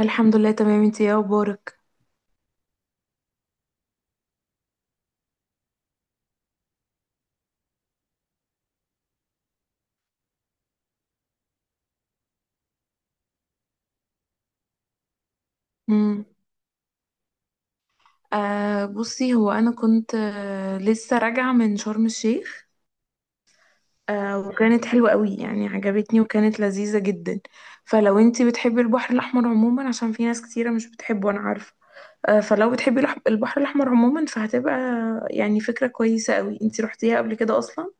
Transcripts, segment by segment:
الحمد لله، تمام. انتي ايه اخبارك؟ امم بصي هو انا كنت لسه راجعه من شرم الشيخ. وكانت حلوه قوي، يعني عجبتني وكانت لذيذه جدا. فلو انتي بتحبي البحر الاحمر عموما، عشان في ناس كتيره مش بتحبه انا عارفه. فلو بتحبي البحر الاحمر عموما فهتبقى يعني فكره كويسه قوي. انتي روحتيها قبل كده اصلا؟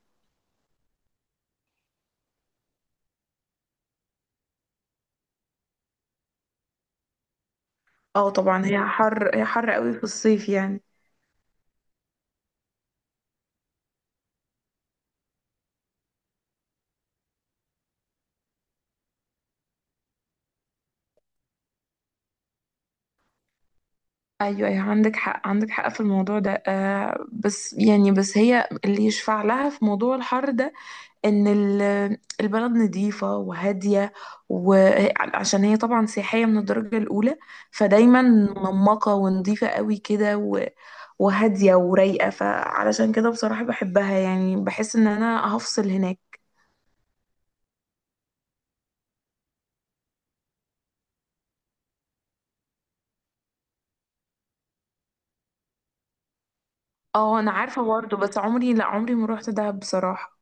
اه طبعا، هي حر قوي في الصيف يعني. ايوه، ايوه، عندك حق، عندك حق في الموضوع ده. بس هي اللي يشفع لها في موضوع الحر ده، ان البلد نظيفه وهاديه، وعشان هي طبعا سياحيه من الدرجه الاولى، فدايما منمقه ونظيفه قوي كده وهاديه ورايقه. فعلشان كده بصراحه بحبها، يعني بحس ان انا هفصل هناك. اه انا عارفه برضه، بس عمري، لا، عمري ما روحت دهب بصراحه.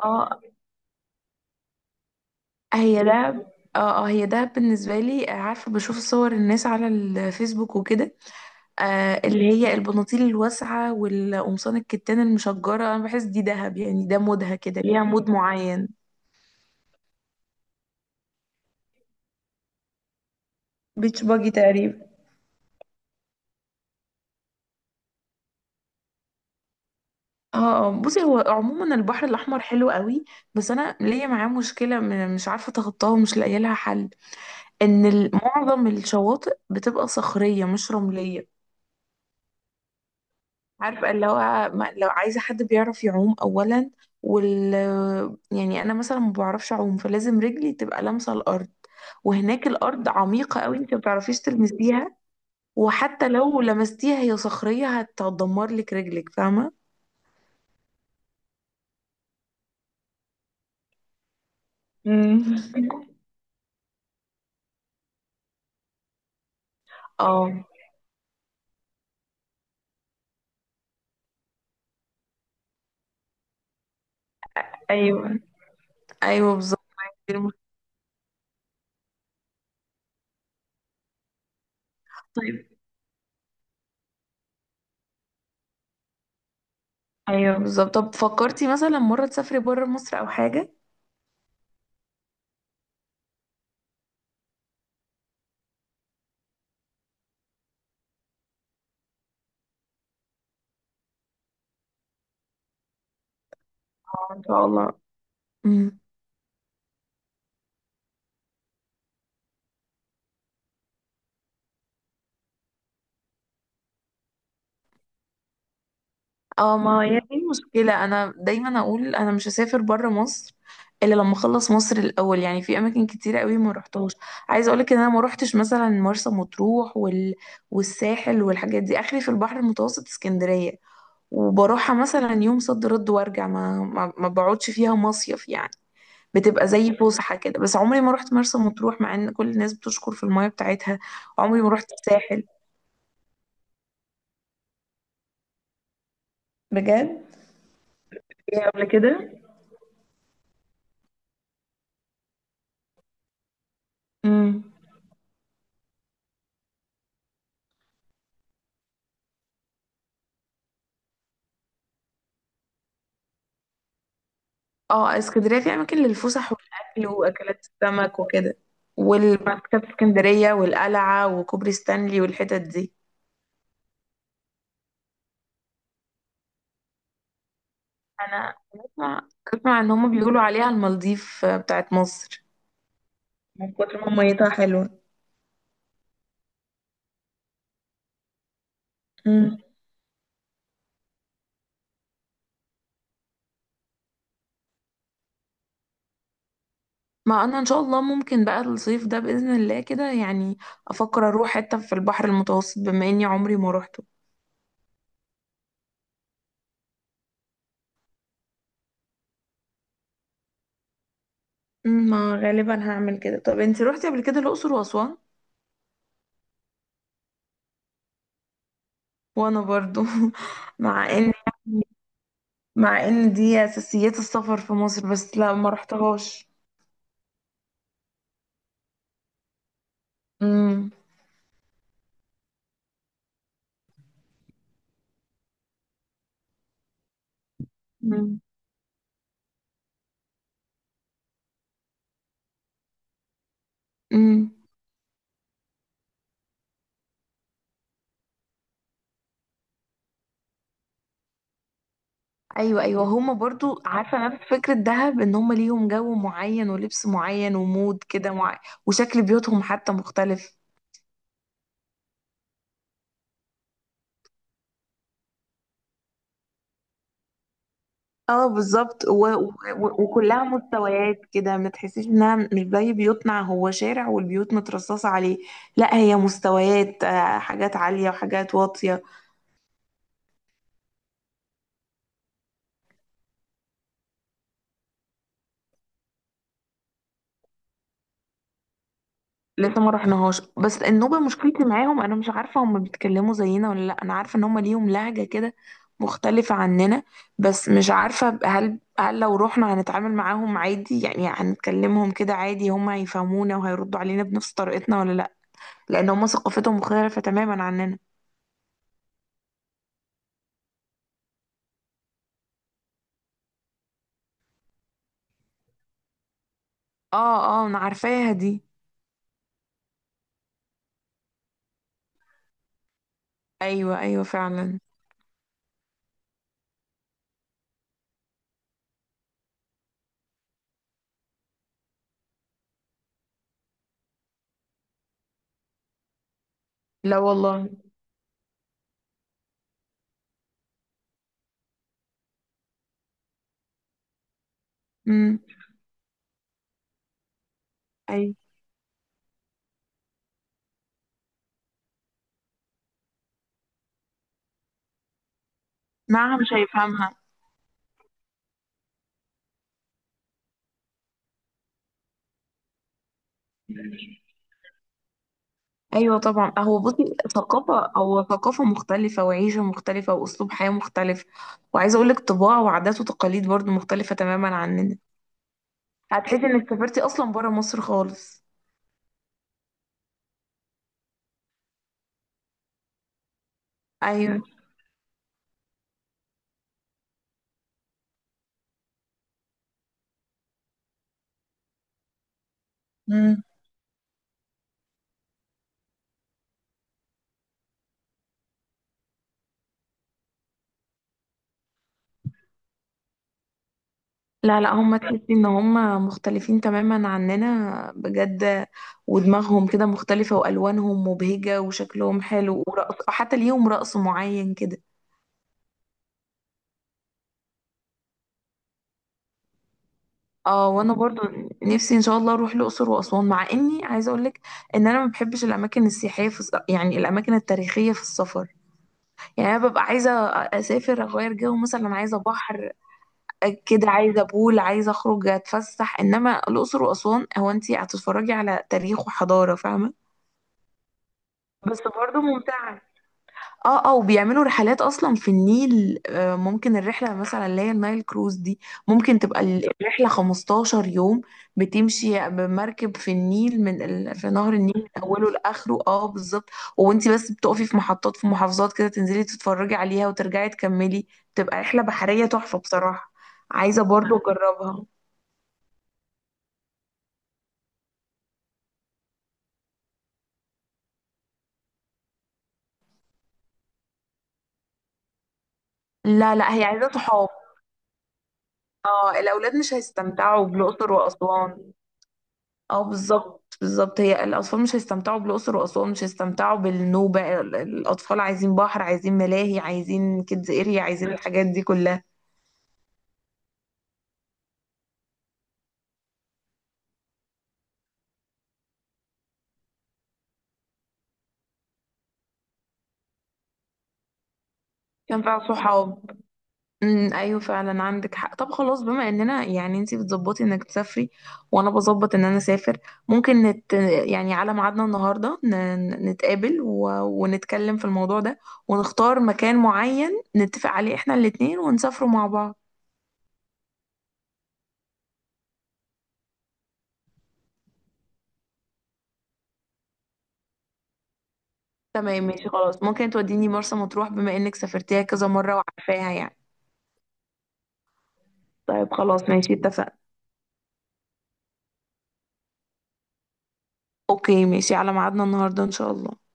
اه هي ده. اه، اه، هي ده بالنسبة لي. عارفة بشوف صور الناس على الفيسبوك وكده. اللي هي البناطيل الواسعة والقمصان الكتان المشجرة، انا بحس دي دهب يعني، ده مودها كده، ليها مود معين. بيتش باجي تقريبا. اه، اه، بصي هو عموما البحر الأحمر حلو قوي، بس أنا ليا معاه مشكلة مش عارفة أتخطاها ومش لاقية لها حل. إن معظم الشواطئ بتبقى صخرية مش رملية. عارفة اللي هو، لو عايزة حد بيعرف يعوم أولا، وال يعني أنا مثلا ما بعرفش أعوم، فلازم رجلي تبقى لامسة الأرض، وهناك الأرض عميقة قوي، أنت ما بتعرفيش تلمسيها، وحتى لو لمستيها هي صخرية هتدمر لك رجلك، فاهمة؟ امم. اه. ايوه. أيوه بالظبط، دي المشكلة. طيب. أيوه بالظبط، طب فكرتي مثلا مرة تسافري بره مصر أو حاجة؟ آه، ان شاء الله. مم. اه، ما هي دي المشكلة. أنا دايما أقول أنا مش هسافر برا مصر إلا لما أخلص مصر الأول، يعني في أماكن كتيرة قوي ما روحتهاش. عايزة أقولك إن أنا ما روحتش مثلا مرسى مطروح والساحل والحاجات دي، آخري في البحر المتوسط اسكندرية، وبروحها مثلا يوم صد رد وأرجع، ما بقعدش فيها مصيف يعني. بتبقى زي فسحة كده، بس عمري ما روحت مرسى مطروح مع إن كل الناس بتشكر في المية بتاعتها. عمري ما روحت الساحل. بجد. إيه قبل كده؟ مم. اه، اسكندرية فيها أماكن للفسح والأكل وأكلات السمك وكده، وبعد كده في اسكندرية والقلعة وكوبري ستانلي والحتت دي. أنا بسمع، إن هما بيقولوا عليها المالديف بتاعت مصر من كتر ما ميتها حلوة. مم. ما أنا إن شاء الله ممكن بقى الصيف ده بإذن الله كده يعني أفكر أروح حتة في البحر المتوسط بما إني عمري ما روحته. مم، ما غالبا هعمل كده. طب انتي روحتي قبل كده الأقصر وأسوان؟ وأنا برضو مع إن يعني، مع ان دي اساسيات السفر في مصر، بس لا ما رحتهاش. امم. امم. أمم. ايوه، ايوه، هما برضو عارفه نفس فكره دهب، ان هما ليهم جو معين ولبس معين ومود كده معين، وشكل بيوتهم حتى مختلف. اه بالظبط، وكلها مستويات كده، ما تحسيش انها مش زي بيوتنا، هو شارع والبيوت مترصصه عليه. لا هي مستويات، حاجات عاليه وحاجات واطيه. لسه ما رحناهاش. بس النوبة مشكلتي معاهم انا مش عارفة هم بيتكلموا زينا ولا لا. انا عارفة ان هم ليهم لهجة كده مختلفة عننا، بس مش عارفة، هل لو رحنا هنتعامل معاهم عادي، يعني هنتكلمهم كده عادي، هم هيفهمونا وهيردوا علينا بنفس طريقتنا ولا لا؟ لان هم ثقافتهم مختلفة تماما عننا. اه، اه، انا عارفاها دي. ايوه، ايوه، فعلا. لا والله. امم. ايوه. معها مش هيفهمها. ايوه طبعا. هو بصي ثقافه، او ثقافه مختلفه وعيشه مختلفه واسلوب حياه مختلف، وعايزه اقول لك طباع وعادات وتقاليد برضو مختلفه تماما عننا. هتحسي انك سافرتي اصلا بره مصر خالص. ايوه. امم. لا، لا، هم تحسي ان هم مختلفين تماما عننا بجد، ودماغهم كده مختلفه والوانهم مبهجه وشكلهم حلو، ورقص حتى ليهم رقص معين كده. اه وانا برضو نفسي ان شاء الله اروح الاقصر واسوان، مع اني عايزه اقول لك ان انا ما بحبش الاماكن السياحيه في يعني الاماكن التاريخيه في السفر. يعني انا ببقى عايزه اسافر اغير جو، مثلا عايزه بحر، كده عايزه بول، عايزه اخرج اتفسح. انما الاقصر واسوان، هو انت هتتفرجي على تاريخ وحضاره، فاهمه؟ بس برضو ممتعه. اه، اه، وبيعملوا رحلات اصلا في النيل. ممكن الرحله مثلا اللي هي النايل كروز دي، ممكن تبقى الرحله 15 يوم. بتمشي بمركب في النيل في نهر النيل من اوله لاخره. اه بالظبط. وانتي بس بتقفي في محطات في محافظات كده، تنزلي تتفرجي عليها وترجعي تكملي. بتبقى رحله بحريه تحفه بصراحه. عايزه برضو اجربها. لا، لا، هي عايزه صحاب. اه، الاولاد مش هيستمتعوا بالاقصر واسوان. اه بالظبط، بالظبط، هي الاطفال مش هيستمتعوا بالاقصر واسوان، مش هيستمتعوا بالنوبه. الاطفال عايزين بحر، عايزين ملاهي، عايزين كيدز اريا، عايزين الحاجات دي كلها. كان فيها صحاب. امم، ايوه فعلا، عندك حق. طب خلاص، بما اننا يعني انتي بتظبطي انك تسافري وانا بظبط ان انا اسافر، ممكن يعني على ميعادنا النهارده نتقابل ونتكلم في الموضوع ده، ونختار مكان معين نتفق عليه احنا الاتنين ونسافروا مع بعض. تمام ماشي خلاص، ممكن توديني مرسى مطروح بما انك سافرتيها كذا مرة وعارفاها يعني؟ طيب خلاص ماشي، اتفقنا. اوكي ماشي، على ميعادنا النهاردة ان شاء الله.